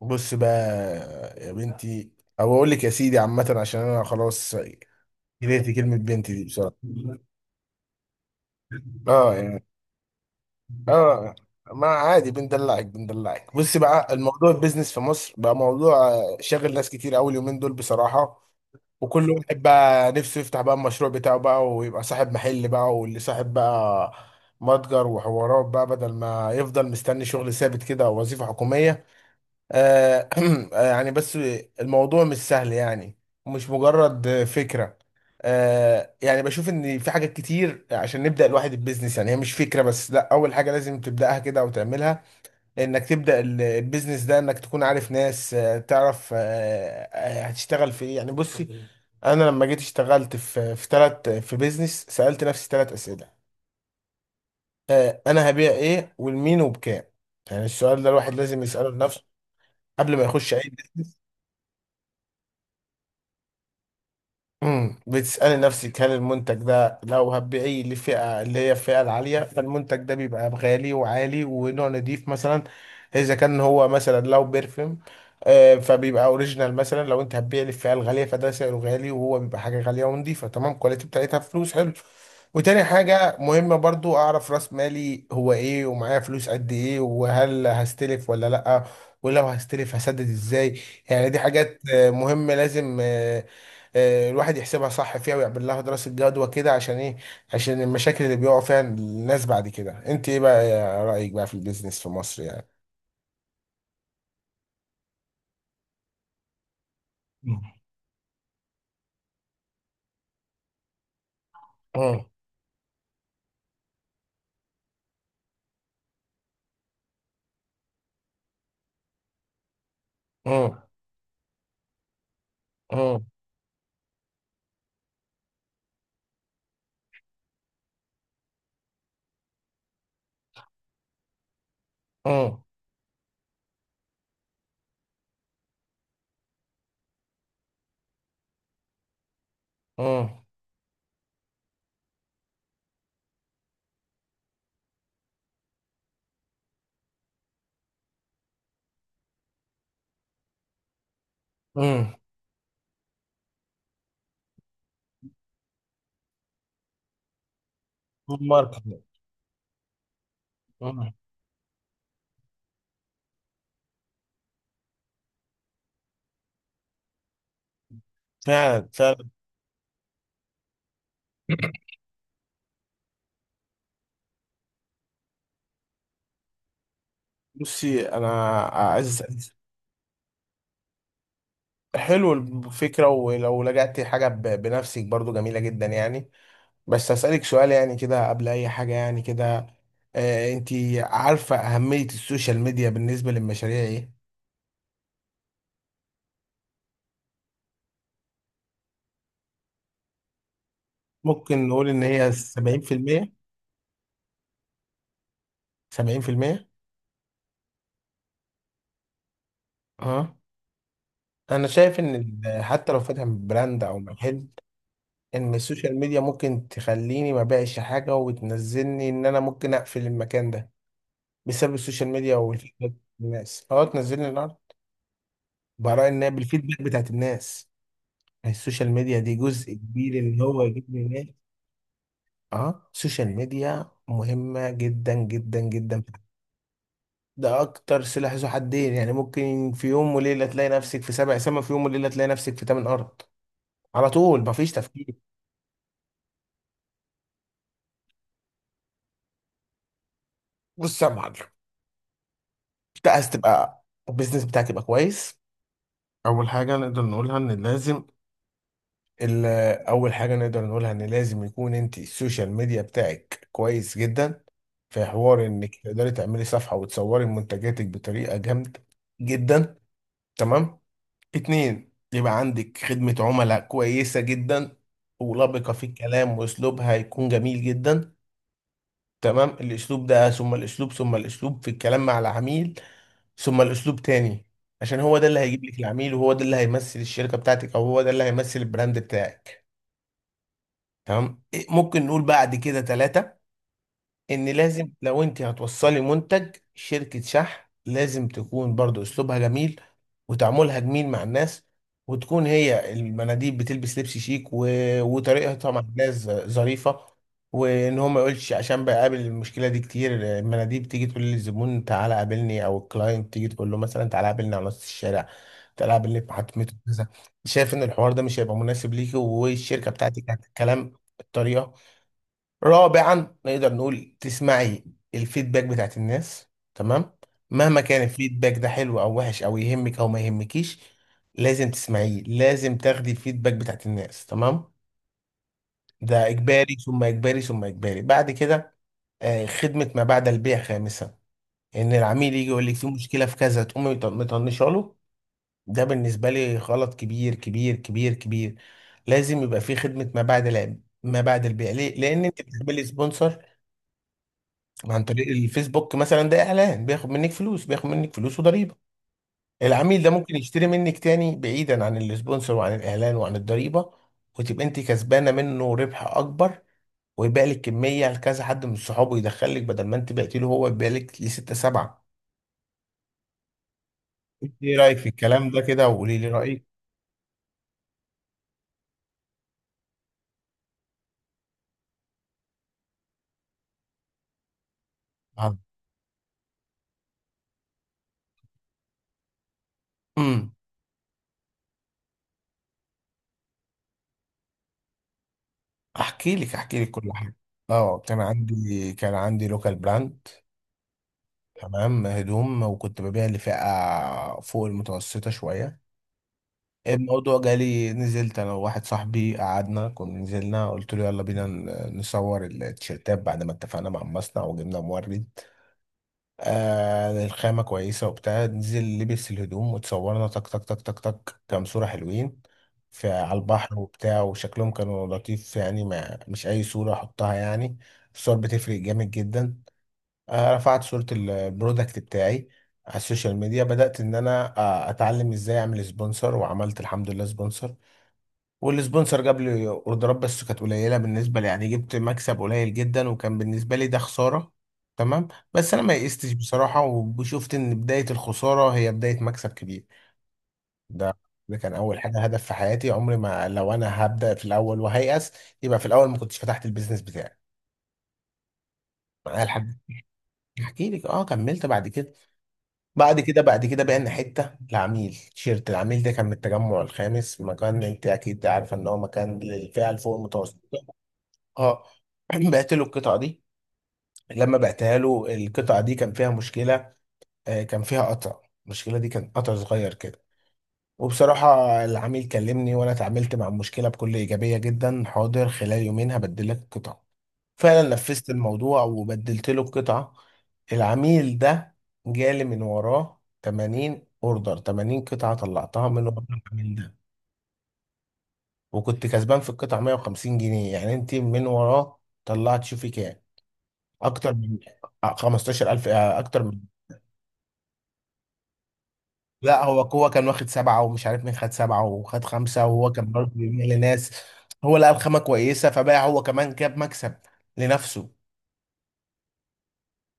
بص بقى يا بنتي، او اقول لك يا سيدي عامه، عشان انا خلاص جريت كلمه بنتي دي بسرعه. اه، يعني اه ما عادي بندلعك بندلعك. بص بقى، الموضوع البيزنس في مصر بقى موضوع شاغل ناس كتير قوي اليومين دول، بصراحه. وكل واحد بقى نفسه يفتح بقى المشروع بتاعه بقى، ويبقى صاحب محل بقى، واللي صاحب بقى متجر وحوارات بقى، بدل ما يفضل مستني شغل ثابت كده او وظيفه حكوميه. آه، يعني بس الموضوع مش سهل يعني، مش مجرد فكرة. يعني بشوف ان في حاجات كتير عشان نبدأ الواحد البيزنس، يعني هي مش فكرة بس، لا اول حاجة لازم تبدأها كده او تعملها. انك تبدأ البيزنس ده، انك تكون عارف ناس، تعرف، هتشتغل في ايه يعني. بصي، انا لما جيت اشتغلت في بيزنس، سألت نفسي ثلاث أسئلة. انا هبيع ايه، ولمين، وبكام. يعني السؤال ده الواحد لازم يسأله لنفسه قبل ما يخش. بتسألي نفسك، هل المنتج ده لو هتبيعيه لفئة اللي هي الفئة العالية، فالمنتج ده بيبقى غالي وعالي ونوع نضيف مثلا. إذا كان هو مثلا لو بيرفيوم، فبيبقى اوريجينال. مثلا لو انت هتبيع للفئة الغالية فده سعره غالي، وهو بيبقى حاجة غالية ونضيفة. تمام، كواليتي بتاعتها، فلوس حلو. وتاني حاجة مهمة برضو، أعرف راس مالي هو إيه، ومعايا فلوس قد إيه، وهل هستلف ولا لأ. ولو هستلف هسدد إزاي؟ يعني دي حاجات مهمة، لازم الواحد يحسبها صح فيها، ويعمل لها دراسة جدوى كده. عشان ايه؟ عشان المشاكل اللي بيقعوا فيها الناس بعد كده. انت ايه بقى يا رأيك بقى في البيزنس في مصر يعني؟ مم. امم. امم. امم. امم. امم. امم. ماركتنج. امم. فعلا فعلا. بصي انا عايز. حلو الفكره. ولو لجأت حاجه بنفسك برضو جميله جدا يعني. بس هسألك سؤال يعني كده قبل اي حاجه يعني كده. آه، انت عارفه اهميه السوشيال ميديا بالنسبه للمشاريع ايه؟ ممكن نقول ان هي 70%؟ 70%. اه، انا شايف ان حتى لو فاتح براند او محل، ان السوشيال ميديا ممكن تخليني ما بقاش حاجه، وتنزلني ان انا ممكن اقفل المكان ده بسبب السوشيال ميديا والفيدباك. الناس اه تنزلني الارض. برأي ان هي بالفيدباك بتاعت الناس، السوشيال ميديا دي جزء كبير ان هو يجيب لي ناس. اه، السوشيال ميديا مهمه جدا جدا جدا. ده اكتر سلاح ذو حدين يعني. ممكن في يوم وليله تلاقي نفسك في سبع سما، في يوم وليله تلاقي نفسك في تمن ارض على طول، مفيش تفكير. بص يا معلم، انت عايز تبقى البيزنس بتاعك يبقى كويس. اول حاجه نقدر نقولها ان لازم ال- اول حاجه نقدر نقولها ان لازم يكون انت السوشيال ميديا بتاعك كويس جدا. في حوار انك تقدري تعملي صفحه، وتصوري منتجاتك بطريقه جامده جدا. تمام. اتنين، يبقى عندك خدمة عملاء كويسة جدا ولبقة في الكلام، واسلوبها يكون جميل جدا. تمام، الاسلوب ده، ثم الاسلوب، ثم الاسلوب في الكلام مع العميل، ثم الاسلوب تاني. عشان هو ده اللي هيجيب لك العميل، وهو ده اللي هيمثل الشركة بتاعتك، او هو ده اللي هيمثل البراند بتاعك. تمام. ممكن نقول بعد كده ثلاثة، ان لازم لو انت هتوصلي منتج شركة شحن، لازم تكون برضو اسلوبها جميل، وتعاملها جميل مع الناس. وتكون هي المناديب بتلبس لبس شيك، و... وطريقتها مع الناس ظريفة. وان هو ما يقولش، عشان بقابل المشكلة دي كتير. المناديب تيجي تقول للزبون تعالى قابلني، او الكلاينت تيجي تقول له مثلا تعالى قابلني على نص الشارع، تعالى قابلني في محطة مترو كذا. شايف ان الحوار ده مش هيبقى مناسب ليكي، والشركة بتاعتك هتتكلم الطريقة. رابعا، نقدر نقول تسمعي الفيدباك بتاعت الناس. تمام، مهما كان الفيدباك ده حلو او وحش، او يهمك او ما يهمكيش، لازم تسمعيه. لازم تاخدي الفيدباك بتاعت الناس، تمام. ده اجباري ثم اجباري ثم اجباري بعد كده. خدمة ما بعد البيع خامسا. ان العميل يجي يقول لك في مشكلة في كذا، تقومي مطنشه له. ده بالنسبة لي غلط كبير كبير كبير كبير. لازم يبقى في خدمة ما بعد ما بعد البيع. ليه؟ لأن أنت بتعملي سبونسر عن طريق الفيسبوك مثلا. ده اعلان بياخد منك فلوس، بياخد منك فلوس وضريبه. العميل ده ممكن يشتري منك تاني بعيدا عن السبونسر وعن الاعلان وعن الضريبه، وتبقى انت كسبانه منه ربح اكبر. ويبقى لك كميه، لكذا حد من صحابه يدخلك، بدل ما انت بعتي له، هو يبقى لك لسته سبعه. انت ايه رايك في الكلام ده كده؟ وقولي لي رايك. اه. امم. احكي لك كل حاجه. اه، كان عندي لوكال براند. تمام، هدوم. وكنت ببيع لفئه فوق المتوسطه شويه. الموضوع جالي، نزلت انا وواحد صاحبي، قعدنا، كنا نزلنا قلت له يلا بينا نصور التيشيرتات بعد ما اتفقنا مع المصنع وجبنا مورد. الخامة كويسة وبتاع. نزل لبس الهدوم وتصورنا تك تك تك تك تك، كام صورة حلوين في على البحر وبتاع. وشكلهم كانوا لطيف يعني، ما مش أي صورة أحطها يعني. الصور بتفرق جامد جدا. رفعت صورة البرودكت بتاعي على السوشيال ميديا. بدأت إن أنا أتعلم إزاي أعمل سبونسر، وعملت الحمد لله سبونسر. والسبونسر جاب لي اوردرات، بس كانت قليله بالنسبه لي، يعني جبت مكسب قليل جدا، وكان بالنسبه لي ده خساره. تمام، بس انا ما يئستش بصراحه، وشفت ان بدايه الخساره هي بدايه مكسب كبير. ده ده كان اول حاجه، هدف في حياتي. عمري ما، لو انا هبدا في الاول وهيأس، يبقى في الاول ما كنتش فتحت البيزنس بتاعي معايا لحد. احكي لك؟ اه، كملت بعد كده. بعد كده بقينا حته. العميل ده كان من التجمع الخامس، مكان انت اكيد عارفه ان هو مكان للفئه اللي فوق المتوسطه. اه. بعت له القطعه دي. لما بعتها له القطعه دي كان فيها مشكله. كان فيها قطع، المشكله دي كان قطع صغير كده، وبصراحه. العميل كلمني، وانا اتعاملت مع المشكله بكل ايجابيه جدا. حاضر، خلال يومين هبدل لك القطعه. فعلا نفذت الموضوع وبدلت له القطعه. العميل ده جالي من وراه 80 اوردر، 80 قطعه طلعتها من ورا العميل ده. وكنت كسبان في القطعه 150 جنيه. يعني انت من وراه طلعت شوفي كام؟ اكتر من 15000. آه، اكتر من لا، هو كان واخد سبعه، ومش عارف مين خد سبعه وخد خمسه، وهو كان برضه بيبيع لناس. هو لقى الخامه كويسه، فباع هو كمان، جاب مكسب لنفسه.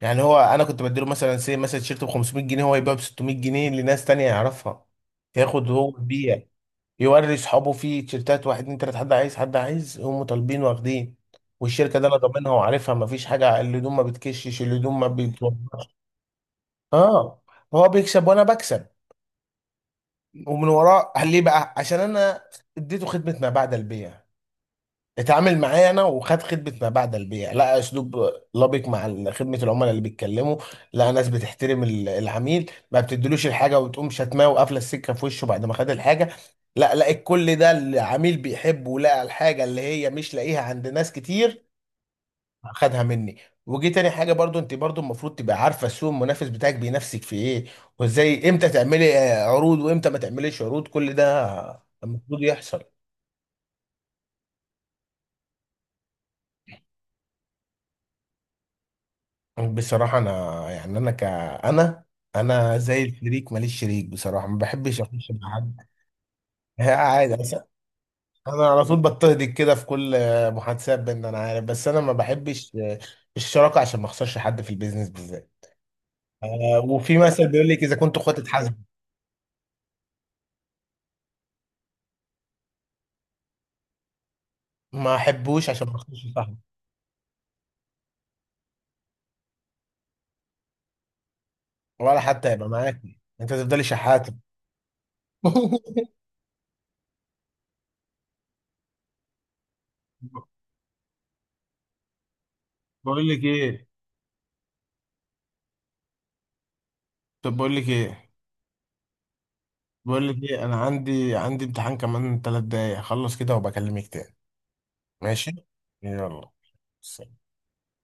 يعني هو انا كنت بديله مثلا، سي مثلا تيشيرت ب 500 جنيه، هو يبيعه ب 600 جنيه لناس تانية يعرفها. ياخد هو يبيع. يوري اصحابه فيه تيشيرتات، واحد اتنين تلاته، حد عايز، هم طالبين واخدين. والشركه دي انا ضامنها وعارفها، مفيش حاجه. الهدوم ما بتكشش، الهدوم ما بتوضحش. اه، هو بيكسب وانا بكسب، ومن وراه. قال ليه بقى؟ عشان انا اديته خدمه ما بعد البيع. اتعامل معايا انا، وخد خدمه ما بعد البيع، لقى اسلوب لبق مع خدمه العملاء اللي بيتكلموا، لقى ناس بتحترم العميل، ما بتديلوش الحاجه وتقوم شتماه وقافله السكه في وشه بعد ما خد الحاجه. لا، لقى كل ده العميل بيحبه، ولقى الحاجه اللي هي مش لاقيها عند ناس كتير. خدها مني. وجي تاني حاجه برضو. انت برضو المفروض تبقى عارفه السوق المنافس بتاعك بينافسك في ايه، وازاي. امتى تعملي عروض، وامتى ما تعمليش عروض، كل ده المفروض يحصل. بصراحه انا، يعني انا ك انا انا زي الشريك، ماليش شريك بصراحه. ما بحبش اخش مع حد. عادي. انا على طول بضطهدك كده في كل محادثات، بان انا عارف. بس انا ما بحبش الشراكه عشان ما اخسرش حد في البيزنس بالذات. وفي مثل بيقول لك اذا كنتوا اخوات اتحاسبوا، ما احبوش عشان ما اخسرش صاحبي، ولا حتى هيبقى معاكي انت تفضلي شحاتة. بقول لك ايه طب بقول لك ايه بقول لك ايه انا عندي امتحان كمان 3 دقايق، اخلص كده وبكلمك تاني. ماشي، يلا. سلام.